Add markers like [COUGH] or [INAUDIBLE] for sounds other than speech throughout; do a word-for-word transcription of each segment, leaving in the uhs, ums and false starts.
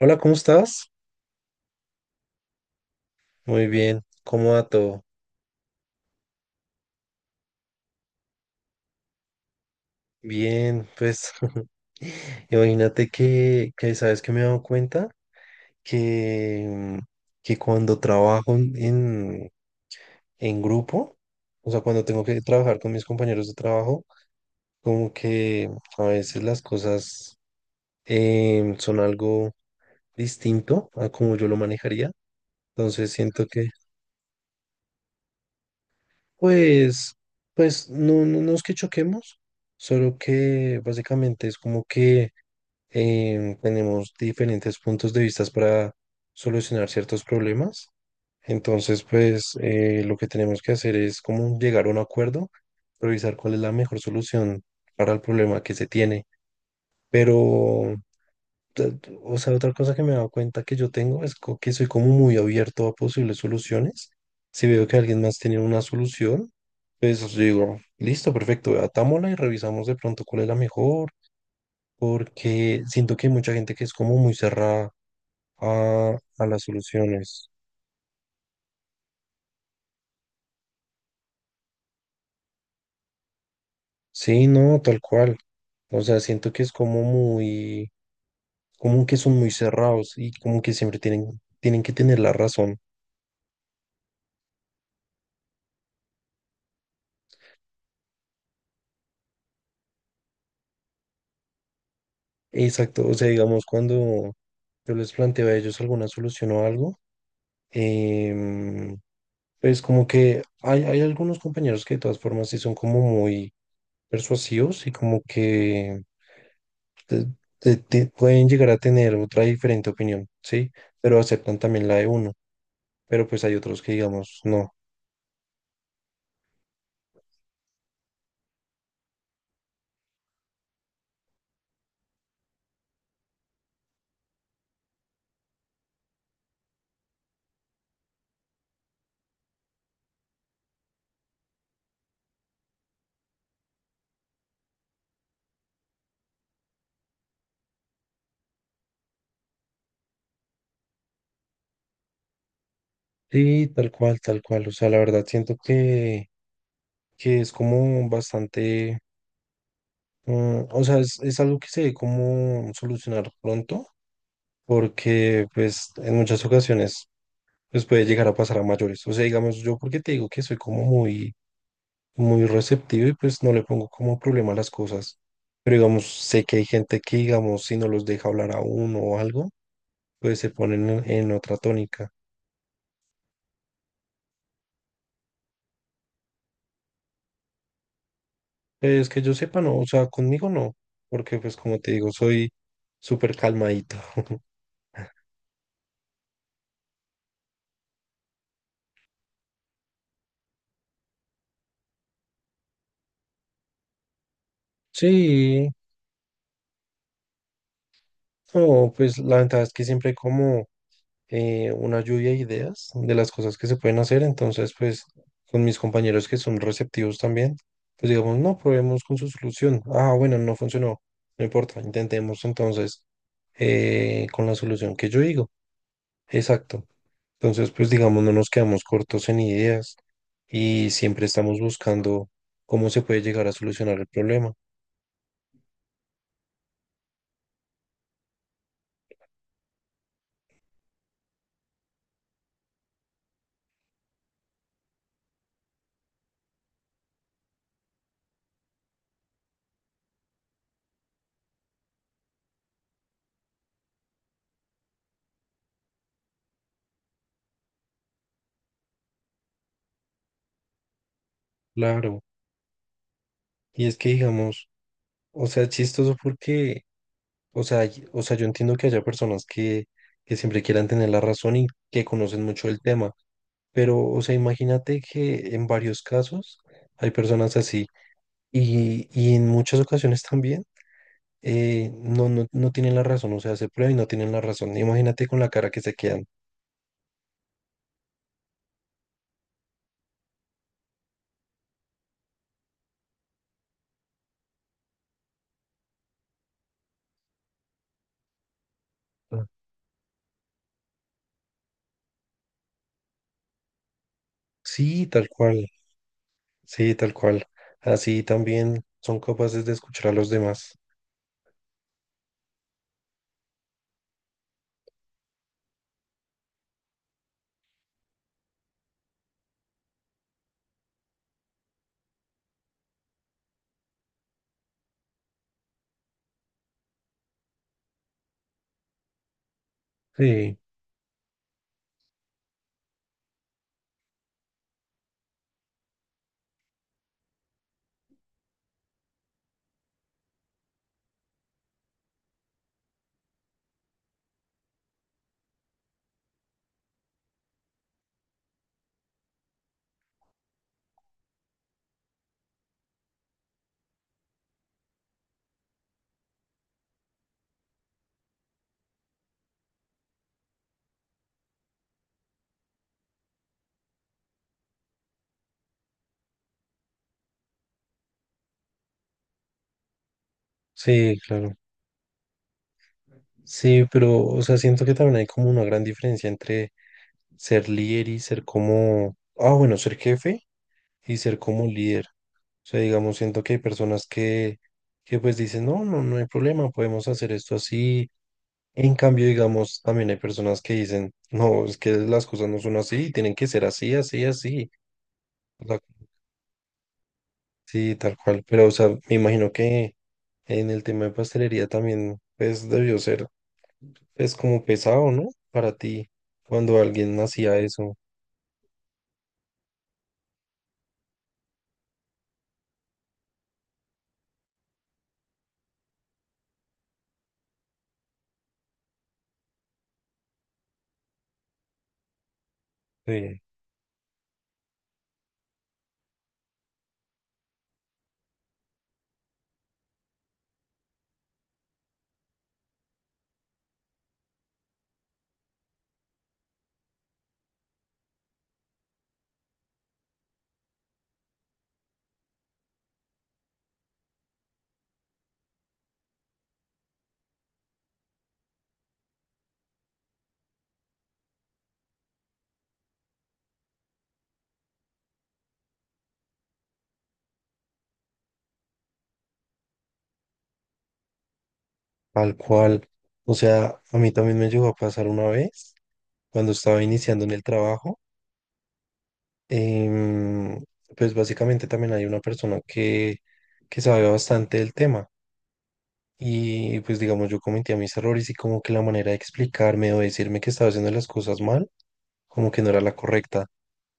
Hola, ¿cómo estás? Muy bien, ¿cómo va todo? Bien, pues [LAUGHS] imagínate que, que sabes que me he dado cuenta que, mm, que cuando trabajo en, en en grupo, o sea, cuando tengo que trabajar con mis compañeros de trabajo, como que a veces las cosas em, son algo distinto a como yo lo manejaría. Entonces siento que, pues, pues no, no no es que choquemos, solo que básicamente es como que em, tenemos diferentes puntos de vista para solucionar ciertos problemas. Entonces, pues eh, lo que tenemos que hacer es como llegar a un acuerdo, revisar cuál es la mejor solución para el problema que se tiene. Pero, t- t- o sea, otra cosa que me he dado cuenta que yo tengo es co- que soy como muy abierto a posibles soluciones. Si veo que alguien más tiene una solución, pues yo digo, listo, perfecto, atámosla y revisamos de pronto cuál es la mejor porque siento que hay mucha gente que es como muy cerrada a, a las soluciones. Sí, no, tal cual. O sea, siento que es como muy, como que son muy cerrados y como que siempre tienen, tienen que tener la razón. Exacto, o sea, digamos, cuando yo les planteo a ellos alguna solución o algo, em, pues como que hay, hay algunos compañeros que de todas formas sí son como muy persuasivos y como que te- te- te- pueden llegar a tener otra diferente opinión, ¿sí? Pero aceptan también la de uno, pero pues hay otros que digamos, no. Sí, tal cual, tal cual. O sea, la verdad siento que, que es como bastante, mm, o sea, es, es algo que se debe como solucionar pronto, porque pues en muchas ocasiones pues puede llegar a pasar a mayores. O sea, digamos, yo porque te digo que soy como muy muy receptivo y pues no le pongo como problema a las cosas. Pero digamos, sé que hay gente que, digamos, si no los deja hablar a uno o algo, pues se ponen en, en otra tónica. Pues que yo sepa, no, o sea, conmigo no, porque pues como te digo, soy súper calmadito. [LAUGHS] Sí, no, pues la ventaja es que siempre hay como eh, una lluvia de ideas de las cosas que se pueden hacer. Entonces, pues con mis compañeros que son receptivos también, pues digamos, no, probemos con su solución. Ah, bueno, no funcionó. No importa, intentemos entonces eh, con la solución que yo digo. Exacto. Entonces, pues digamos, no nos quedamos cortos en ideas y siempre estamos buscando cómo se puede llegar a solucionar el problema. Claro. Y es que digamos, o sea, es chistoso porque, o sea, y- o sea, yo entiendo que haya personas que, que siempre quieran tener la razón y que conocen mucho el tema, pero, o sea, imagínate que en varios casos hay personas así y, y en muchas ocasiones también eh, no, no, no tienen la razón, o sea, se prueba y no tienen la razón. Imagínate con la cara que se quedan. Ah. Sí, tal cual, sí, tal cual. Así también son capaces de escuchar a los demás. Sí, sí, claro. Sí, pero, o sea, siento que también hay como una gran diferencia entre ser líder y ser como, ah, bueno, ser jefe y ser como líder. O sea, digamos, siento que hay personas que, que pues dicen, no, no, no hay problema, podemos hacer esto así. En cambio, digamos, también hay personas que dicen, no, es que las cosas no son así, tienen que ser así, así, así. O sea, sí, tal cual. Pero, o sea, me imagino que en el tema de pastelería también, pues, debió ser. Es como pesado, ¿no? Para ti, cuando alguien hacía eso, eh, tal cual. O sea, a mí también me llegó a pasar una vez, cuando estaba iniciando en el trabajo. em, pues básicamente también hay una persona que, que sabe bastante del tema. Y pues digamos, yo cometía mis errores y como que la manera de explicarme o decirme que estaba haciendo las cosas mal, como que no era la correcta.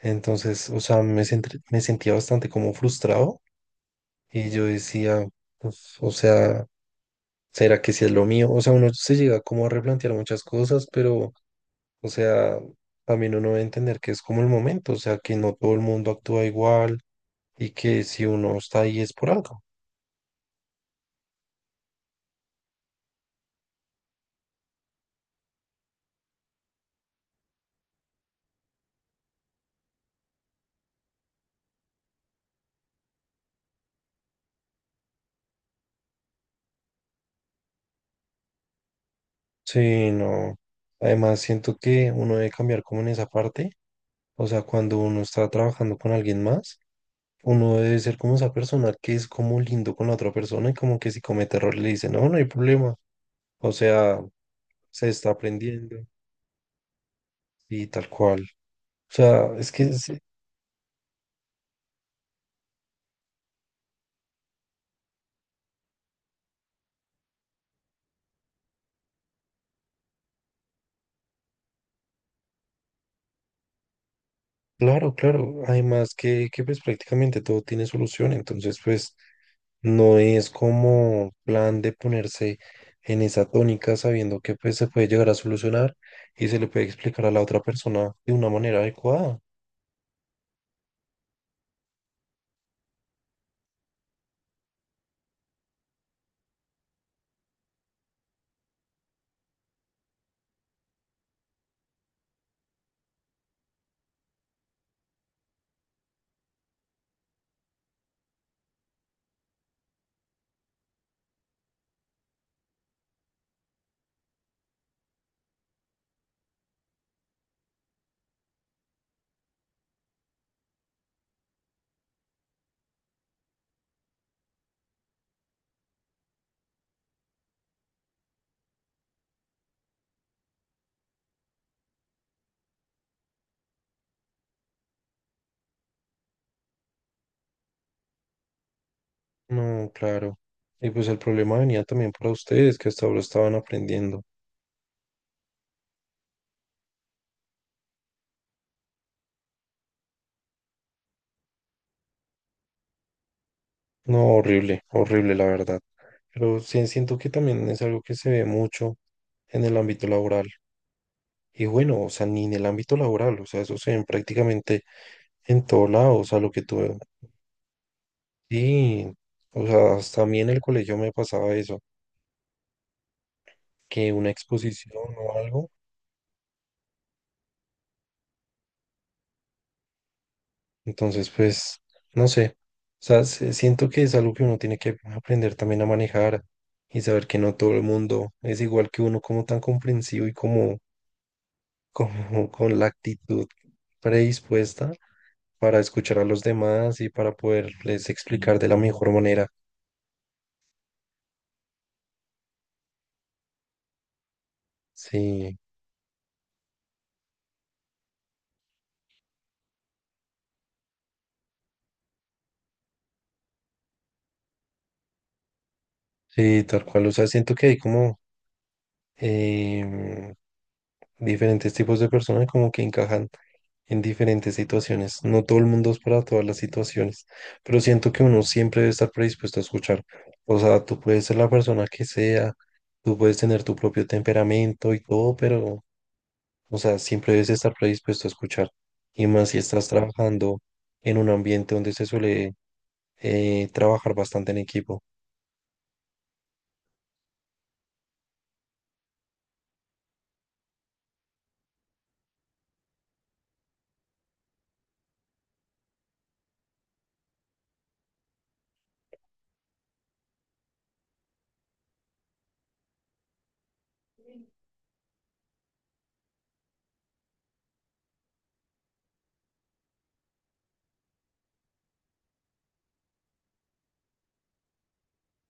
Entonces, o sea, me, sentr- me sentía bastante como frustrado y yo decía, pues, o sea... ¿Será que si es lo mío? O sea, uno se llega como a replantear muchas cosas, pero, o sea, también uno debe entender que es como el momento, o sea, que no todo el mundo actúa igual y que si uno está ahí es por algo. Sí, no. Además, siento que uno debe cambiar como en esa parte, o sea, cuando uno está trabajando con alguien más, uno debe ser como esa persona que es como lindo con la otra persona y como que si comete error le dice, no, no hay problema, o sea, se está aprendiendo y tal cual. O sea, es que es... Claro, claro. Además que, que pues prácticamente todo tiene solución, entonces pues no es como plan de ponerse en esa tónica sabiendo que pues se puede llegar a solucionar y se le puede explicar a la otra persona de una manera adecuada. No, claro. Y pues el problema venía también para ustedes que hasta ahora estaban aprendiendo. No, horrible, horrible la verdad. Pero sí siento que también es algo que se ve mucho en el ámbito laboral. Y bueno, o sea, ni en el ámbito laboral, o sea, eso se ve prácticamente en todo lado, o sea, lo que tú... Sí, o sea, hasta a mí en el colegio me pasaba eso, que una exposición o algo, entonces, pues, no sé, o sea, se- siento que es algo que uno tiene que aprender también a manejar y saber que no todo el mundo es igual que uno, como tan comprensivo y como, [LAUGHS] como con la actitud predispuesta para escuchar a los demás y para poderles explicar de la mejor manera. Sí. Sí, tal cual. O sea, siento que hay como em, diferentes tipos de personas como que encajan en diferentes situaciones. No todo el mundo es para todas las situaciones, pero siento que uno siempre debe estar predispuesto a escuchar. O sea, tú puedes ser la persona que sea, tú puedes tener tu propio temperamento y todo, pero, o sea, siempre debes estar predispuesto a escuchar. Y más si estás trabajando en un ambiente donde se suele eh, trabajar bastante en equipo.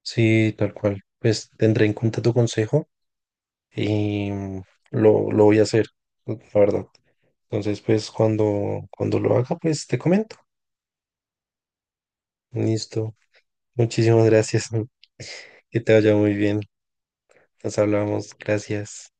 Sí, tal cual. Pues tendré en cuenta tu consejo. Y mm, lo, lo voy a hacer, la verdad. Entonces, pues cuando, cuando lo haga, pues te comento. Listo. Muchísimas gracias. [LAUGHS] Que te vaya muy bien. Nos hablamos. Gracias.